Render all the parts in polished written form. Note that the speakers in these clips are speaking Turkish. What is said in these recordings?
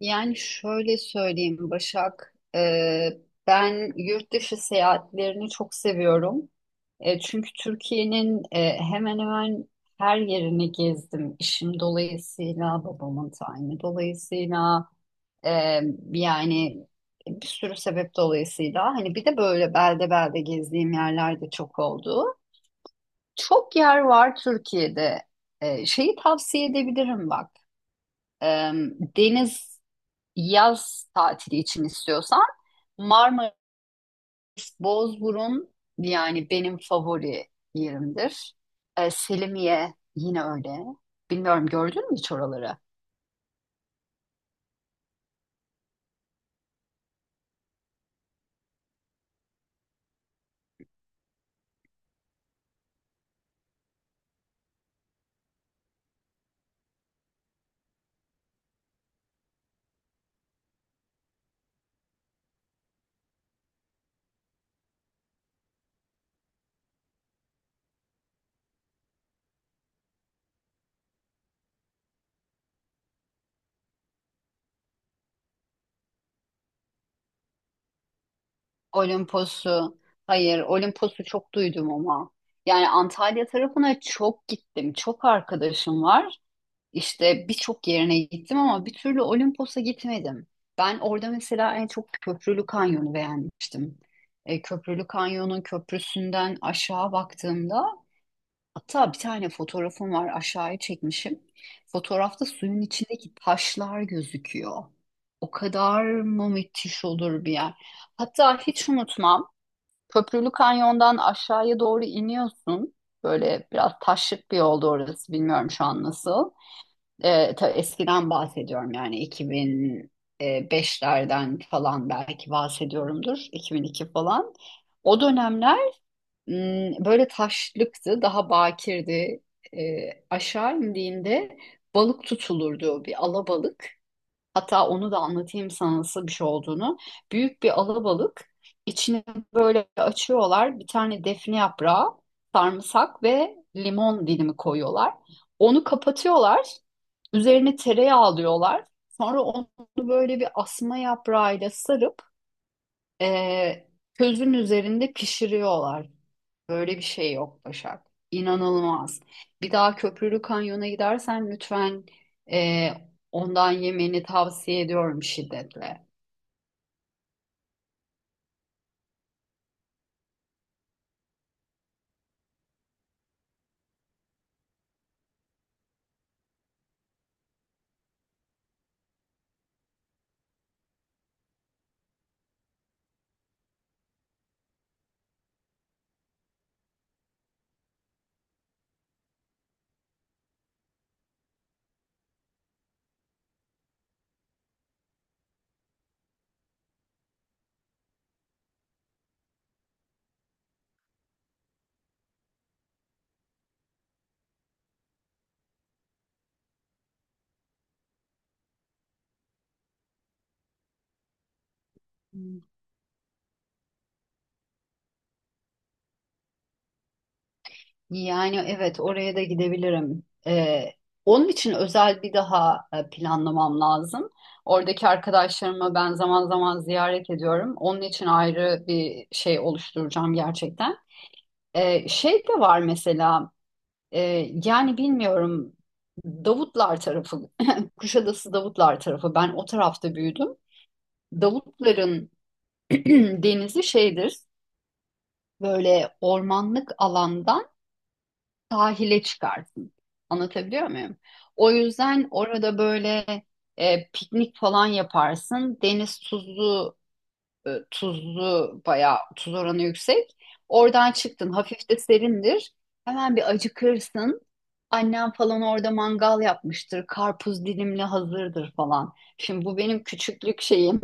Yani şöyle söyleyeyim Başak, ben yurt dışı seyahatlerini çok seviyorum. Çünkü Türkiye'nin hemen hemen her yerini gezdim. İşim dolayısıyla, babamın tayini dolayısıyla, e, yani bir sürü sebep dolayısıyla. Hani bir de böyle belde belde gezdiğim yerler de çok oldu. Çok yer var Türkiye'de. Şeyi tavsiye edebilirim bak. E, Deniz yaz tatili için istiyorsan Marmaris, Bozburun yani benim favori yerimdir. Selimiye yine öyle. Bilmiyorum gördün mü hiç oraları? Olimpos'u hayır, Olimpos'u çok duydum ama yani Antalya tarafına çok gittim. Çok arkadaşım var. İşte birçok yerine gittim ama bir türlü Olimpos'a gitmedim. Ben orada mesela en çok Köprülü Kanyon'u beğenmiştim. Köprülü Kanyon'un köprüsünden aşağı baktığımda hatta bir tane fotoğrafım var, aşağıya çekmişim. Fotoğrafta suyun içindeki taşlar gözüküyor. O kadar mı müthiş olur bir yer. Hatta hiç unutmam, Köprülü Kanyon'dan aşağıya doğru iniyorsun. Böyle biraz taşlık bir yoldu orası, bilmiyorum şu an nasıl. Eskiden bahsediyorum, yani 2005'lerden falan belki bahsediyorumdur. 2002 falan. O dönemler böyle taşlıktı, daha bakirdi. E, Aşağı indiğinde balık tutulurdu, bir alabalık. Hatta onu da anlatayım sana nasıl bir şey olduğunu. Büyük bir alabalık. İçini böyle açıyorlar. Bir tane defne yaprağı, sarımsak ve limon dilimi koyuyorlar. Onu kapatıyorlar. Üzerine tereyağı alıyorlar. Sonra onu böyle bir asma yaprağıyla sarıp eee közün üzerinde pişiriyorlar. Böyle bir şey yok Başak. İnanılmaz. Bir daha Köprülü Kanyon'a gidersen lütfen ondan yemeni tavsiye ediyorum şiddetle. Yani evet, oraya da gidebilirim. Onun için özel bir daha planlamam lazım. Oradaki arkadaşlarımı ben zaman zaman ziyaret ediyorum. Onun için ayrı bir şey oluşturacağım gerçekten. Şey de var mesela, e, bilmiyorum, Davutlar tarafı, Kuşadası Davutlar tarafı. Ben o tarafta büyüdüm. Davutların denizi şeydir, böyle ormanlık alandan sahile çıkarsın. Anlatabiliyor muyum? O yüzden orada böyle piknik falan yaparsın. Deniz tuzlu, bayağı tuz oranı yüksek. Oradan çıktın, hafif de serindir. Hemen bir acıkırsın. Annem falan orada mangal yapmıştır. Karpuz dilimli hazırdır falan. Şimdi bu benim küçüklük şeyim.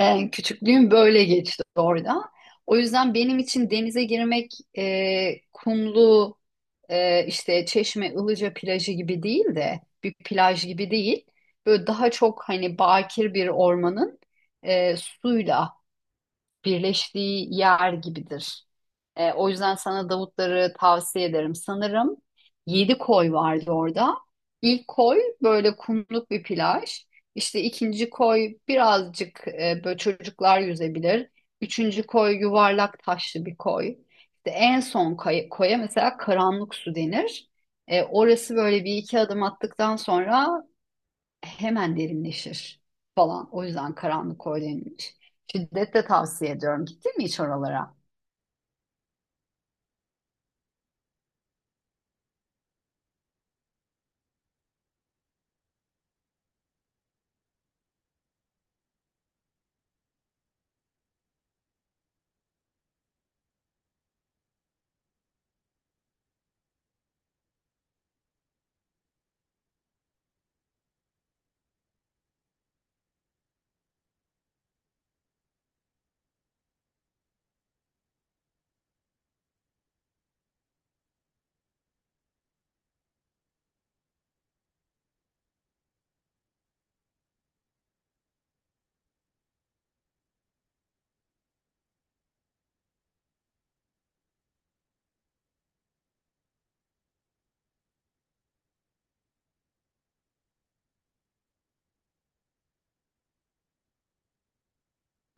Küçüklüğüm böyle geçti orada. O yüzden benim için denize girmek kumlu, işte Çeşme Ilıca plajı gibi değil, de bir plaj gibi değil. Böyle daha çok hani bakir bir ormanın suyla birleştiği yer gibidir. O yüzden sana Davutları tavsiye ederim. Sanırım yedi koy vardı orada. İlk koy böyle kumluk bir plaj. İşte ikinci koy birazcık, böyle çocuklar yüzebilir. Üçüncü koy yuvarlak taşlı bir koy. İşte en son koya mesela karanlık su denir. Orası böyle bir iki adım attıktan sonra hemen derinleşir falan. O yüzden karanlık koy denilmiş. Şiddetle tavsiye ediyorum. Gittin mi hiç oralara?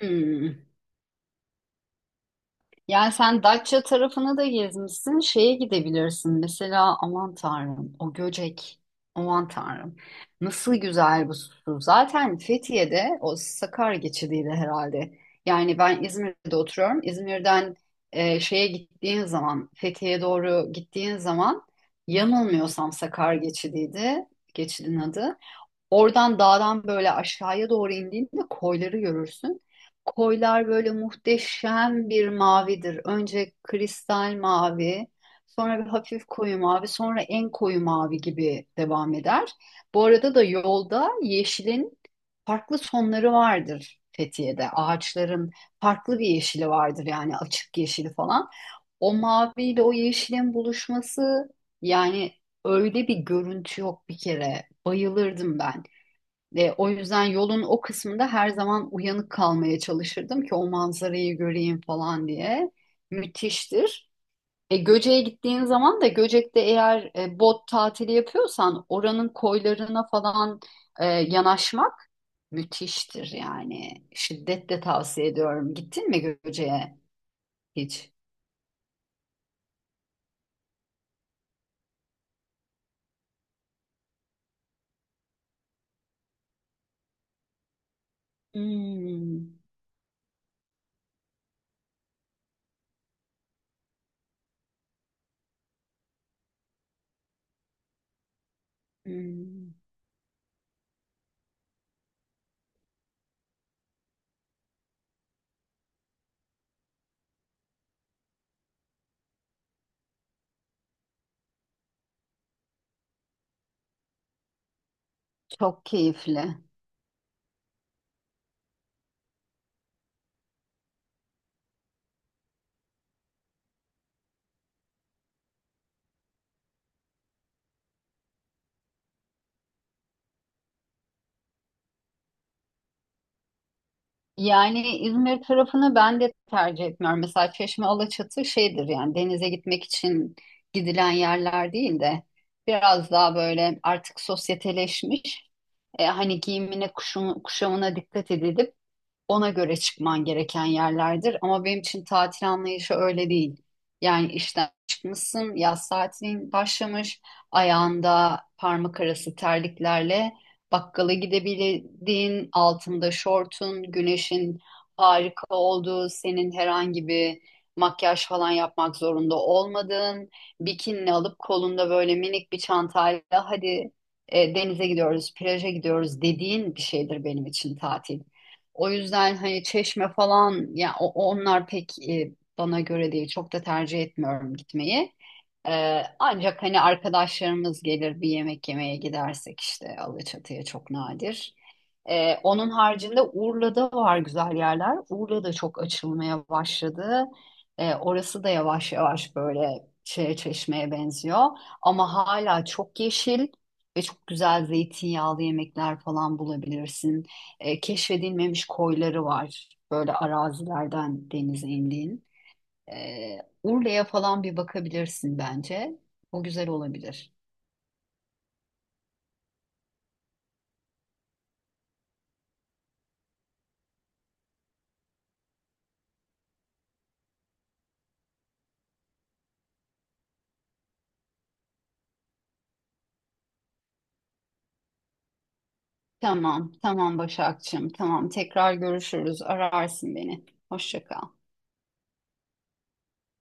Hmm. Yani sen Datça tarafına da gezmişsin. Şeye gidebilirsin mesela, aman tanrım, o Göcek. Aman tanrım. Nasıl güzel bu su. Zaten Fethiye'de o Sakarya geçidiydi herhalde. Yani ben İzmir'de oturuyorum. İzmir'den şeye gittiğin zaman, Fethiye'ye doğru gittiğin zaman yanılmıyorsam Sakarya geçidiydi. Geçidin adı. Oradan dağdan böyle aşağıya doğru indiğinde koyları görürsün. Koylar böyle muhteşem bir mavidir. Önce kristal mavi, sonra bir hafif koyu mavi, sonra en koyu mavi gibi devam eder. Bu arada da yolda yeşilin farklı sonları vardır Fethiye'de. Ağaçların farklı bir yeşili vardır, yani açık yeşili falan. O maviyle o yeşilin buluşması, yani öyle bir görüntü yok bir kere. Bayılırdım ben. O yüzden yolun o kısmında her zaman uyanık kalmaya çalışırdım ki o manzarayı göreyim falan diye. Müthiştir. Göcek'e gittiğin zaman da Göcek'te eğer bot tatili yapıyorsan oranın koylarına falan yanaşmak müthiştir yani. Şiddetle tavsiye ediyorum. Gittin mi Göcek'e hiç? Hmm, hmm, çok keyifli. Yani İzmir tarafını ben de tercih etmiyorum. Mesela Çeşme Alaçatı şeydir, yani denize gitmek için gidilen yerler değil de biraz daha böyle artık sosyeteleşmiş. Hani giyimine kuşamına dikkat edilip ona göre çıkman gereken yerlerdir. Ama benim için tatil anlayışı öyle değil. Yani işten çıkmışsın, yaz tatilin başlamış, ayağında parmak arası terliklerle bakkala gidebildiğin, altında şortun, güneşin harika olduğu, senin herhangi bir makyaj falan yapmak zorunda olmadığın, bikinini alıp kolunda böyle minik bir çantayla hadi denize gidiyoruz, plaja gidiyoruz dediğin bir şeydir benim için tatil. O yüzden hani Çeşme falan ya, onlar pek bana göre değil. Çok da tercih etmiyorum gitmeyi. Ancak hani arkadaşlarımız gelir bir yemek yemeye gidersek işte Alaçatı'ya, çok nadir. Onun haricinde Urla'da var güzel yerler. Urla'da çok açılmaya başladı. Orası da yavaş yavaş böyle şeye, Çeşme'ye benziyor. Ama hala çok yeşil ve çok güzel zeytinyağlı yemekler falan bulabilirsin. Keşfedilmemiş koyları var. Böyle arazilerden denize indiğin. E, Urla'ya falan bir bakabilirsin bence. O güzel olabilir. Tamam, tamam Başakçığım. Tamam, tekrar görüşürüz. Ararsın beni. Hoşça kal.